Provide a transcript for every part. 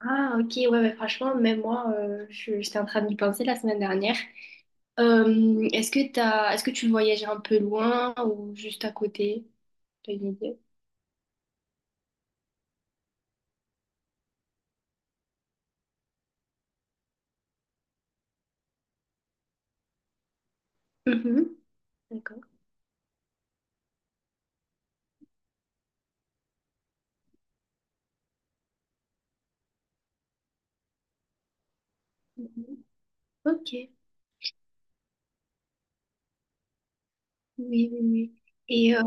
Ah, ok, ouais, ouais, franchement, même moi, j'étais en train d'y penser la semaine dernière. Est-ce que est-ce que tu voyages un peu loin ou juste à côté? T'as une idée? Mhm. D'accord. Mhm. Ok, oui, oui, oui. Et,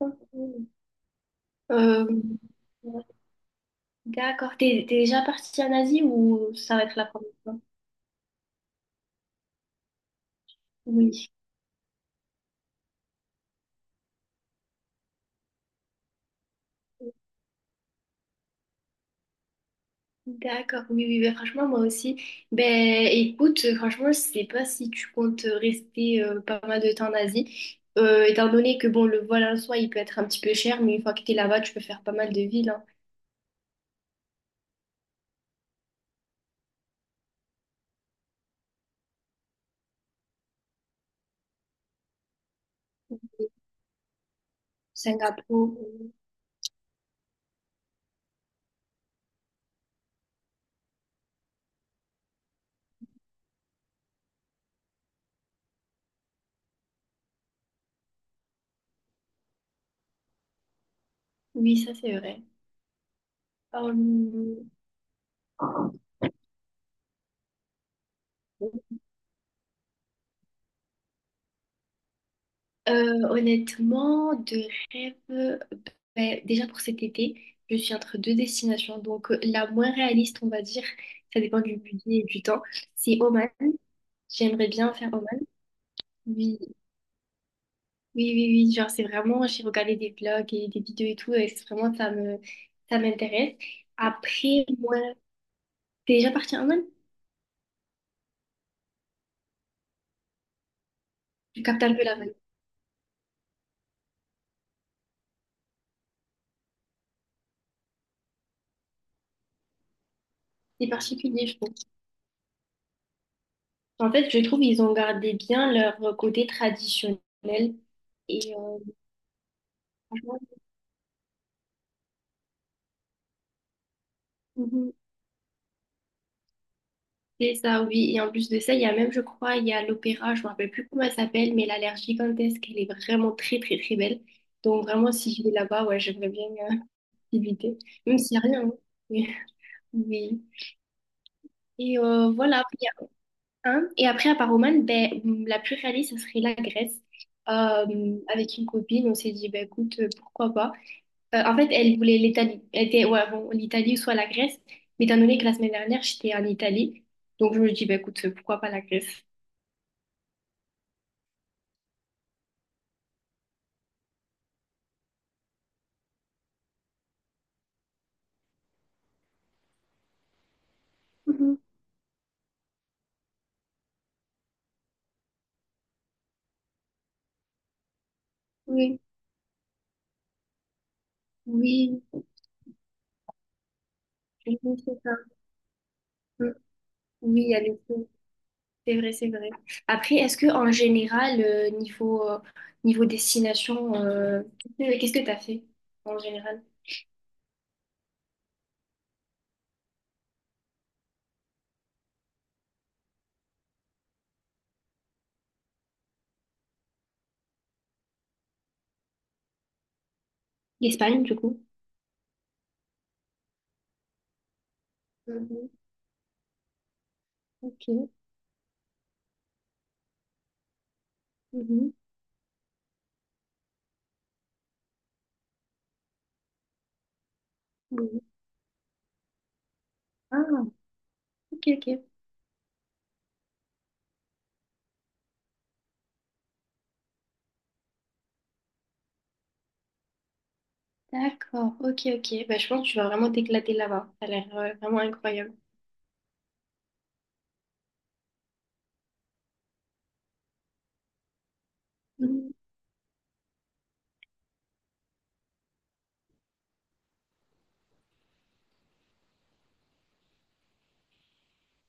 mhm. Euh, d'accord, t'es déjà partie en Asie ou ça va être la première fois? Oui. D'accord, oui, oui, ben, franchement, moi aussi. Ben, écoute, franchement, je sais pas si tu comptes rester pas mal de temps en Asie. Étant donné que, bon, le vol en soi, il peut être un petit peu cher, mais une fois que t'es là-bas, tu peux faire pas mal de villes, hein. Singapour, oui, ça, c'est vrai. Hum, honnêtement, de rêve, ben, déjà pour cet été, je suis entre deux destinations, donc la moins réaliste, on va dire, ça dépend du budget et du temps, c'est Oman. J'aimerais bien faire Oman. Oui, oui, oui, oui, genre c'est vraiment, j'ai regardé des vlogs et des vidéos et tout, et c'est vraiment, ça m'intéresse. Après, moi, t'es déjà parti en Inde? Je capte un peu la vibe. C'est particulier, je trouve. En fait, je trouve ils ont gardé bien leur côté traditionnel. Et franchement, mhm, c'est ça, oui. Et en plus de ça, il y a même, je crois, il y a l'opéra, je me rappelle plus comment elle s'appelle, mais elle a l'air gigantesque, elle est vraiment très, très, très belle. Donc vraiment, si je vais là-bas, ouais, j'aimerais bien euh, visiter. Même s'il n'y a rien, hein. Oui. Et voilà, il y a un. Et après, à part Oman, ben, la plus réaliste, ça serait la Grèce. Avec une copine, on s'est dit, ben, écoute, pourquoi pas. En fait, elle voulait l'Italie. Elle était, ouais, bon, l'Italie ou soit la Grèce. Mais étant donné que la semaine dernière, j'étais en Italie, donc je me dis, ben, écoute, pourquoi pas la Grèce? Mhm. Oui, oui, oui, c'est ça. Mm. Oui, elle est cool. C'est vrai, c'est vrai. Après, est-ce que en général, niveau, niveau destination, qu'est-ce que tu as fait en général? L'Espagne, du coup. Mhm. Ok. Mhm. Mhm. Ah, ok, ok. D'accord. Ok, ok. Bah, je pense que tu vas vraiment t'éclater là-bas. Ça a l'air vraiment incroyable. Mhm.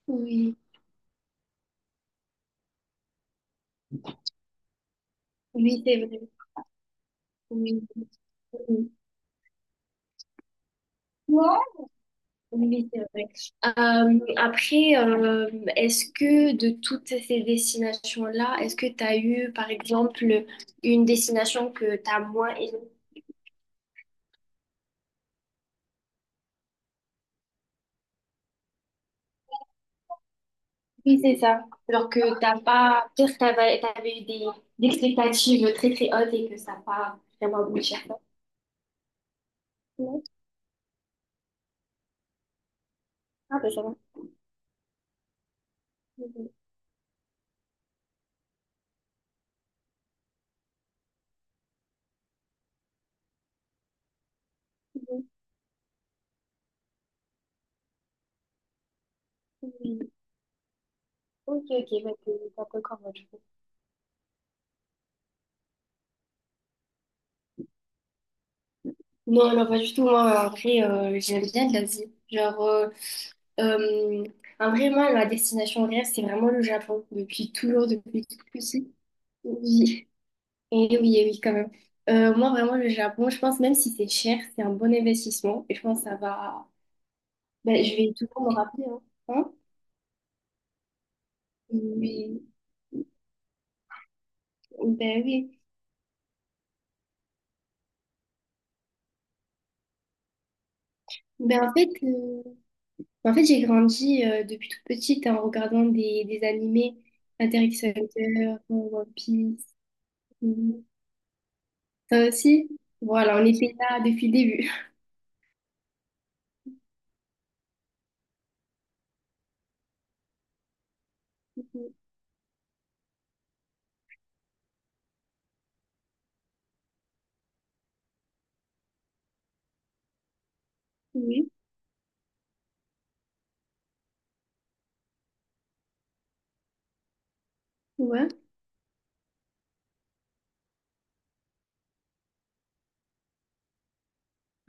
Oui, oui, c'est vrai. Oui, oui, Oui, c'est vrai. Après, est-ce que de toutes ces destinations-là, est-ce que tu as eu, par exemple, une destination que tu as moins aimée? Oui, c'est ça. Alors que t'as pas, peut-être t'avais eu des expectatives très très hautes et que ça n'a pas vraiment abouti à non. Ah ben ça va. Mhm. Mhm. Mhm. Ok, ok, bah, t'es un peu comme moi, du coup. Non, non, pas du tout. Moi, en vrai, j'aime bien l'Asie. Genre, euh, en vrai, moi, ma destination rêve, c'est vraiment le Japon. Depuis toujours, depuis tout petit. Oui, et oui, et oui, quand même. Moi, vraiment, le Japon, je pense, même si c'est cher, c'est un bon investissement. Et je pense que ça va. Ben, je vais toujours me rappeler, hein. Hein? Oui, oui. Ben en fait, euh, ben, en fait j'ai grandi depuis toute petite hein, en regardant des animés, Astérix et Hunter, One Piece. Mhm. Toi aussi? Voilà, on était là depuis le début. Oui, ouais.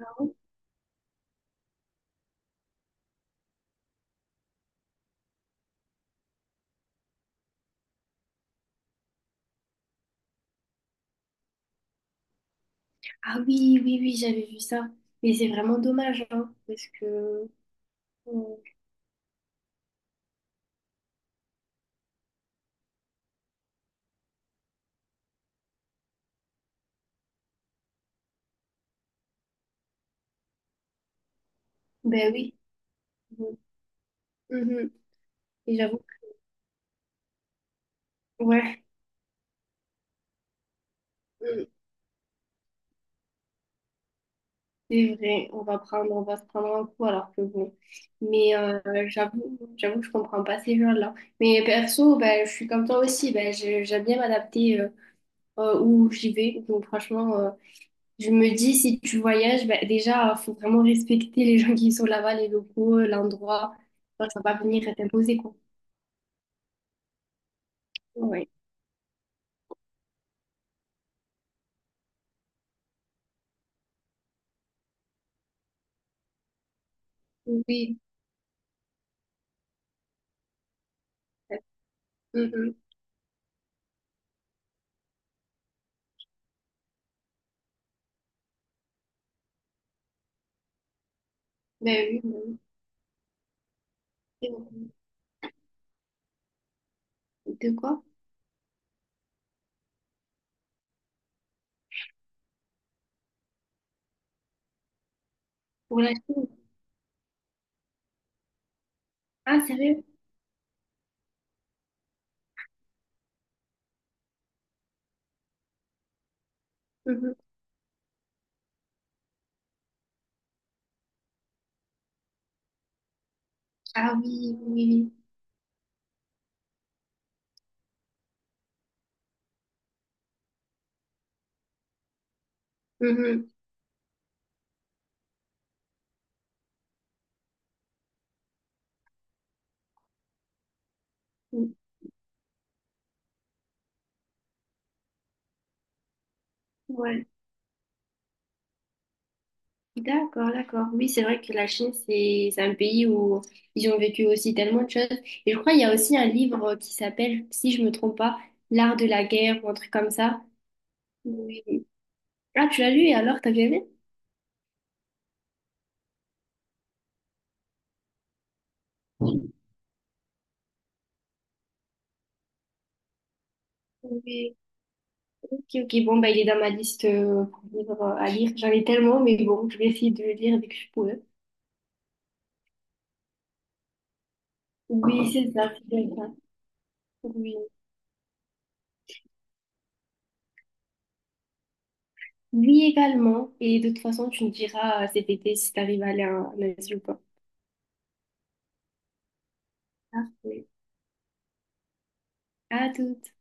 Ah ouais. Ah oui, oui, oui, j'avais vu ça. Mais c'est vraiment dommage, hein, parce que... euh, ben oui. Bon. Mhm. Et ouais. C'est vrai, on va se prendre un coup alors que bon. Mais j'avoue, j'avoue que je comprends pas ces gens-là. Mais perso, ben, je suis comme toi aussi, ben, j'aime bien m'adapter où j'y vais. Donc franchement, je me dis, si tu voyages, ben, déjà, faut vraiment respecter les gens qui sont là-bas, les locaux, l'endroit. Enfin, ça va pas venir t'imposer, quoi. Ouais. Oui. Mhm. Ben oui, ben oui. Et de quoi? Pour la Chine. Ah, sérieux? Mhm. Ah oui, oui, oui. Mhm. Ouais. D'accord, d'accord. Oui, c'est vrai que la Chine, c'est un pays où ils ont vécu aussi tellement de choses. Et je crois qu'il y a aussi un livre qui s'appelle, si je me trompe pas, L'art de la guerre ou un truc comme ça. Oui. Ah, tu l'as lu et alors, t'as bien aimé? Oui. Ok, ok. Bon, bah, il est dans ma liste pour livres à lire. J'en ai tellement, mais bon, je vais essayer de le lire dès que je pourrai. Oui, c'est ça, c'est bien ça. Oui. Lui également. Et de toute façon, tu me diras cet été si t'arrives à aller à un Asie ou pas. Parfait. À toutes.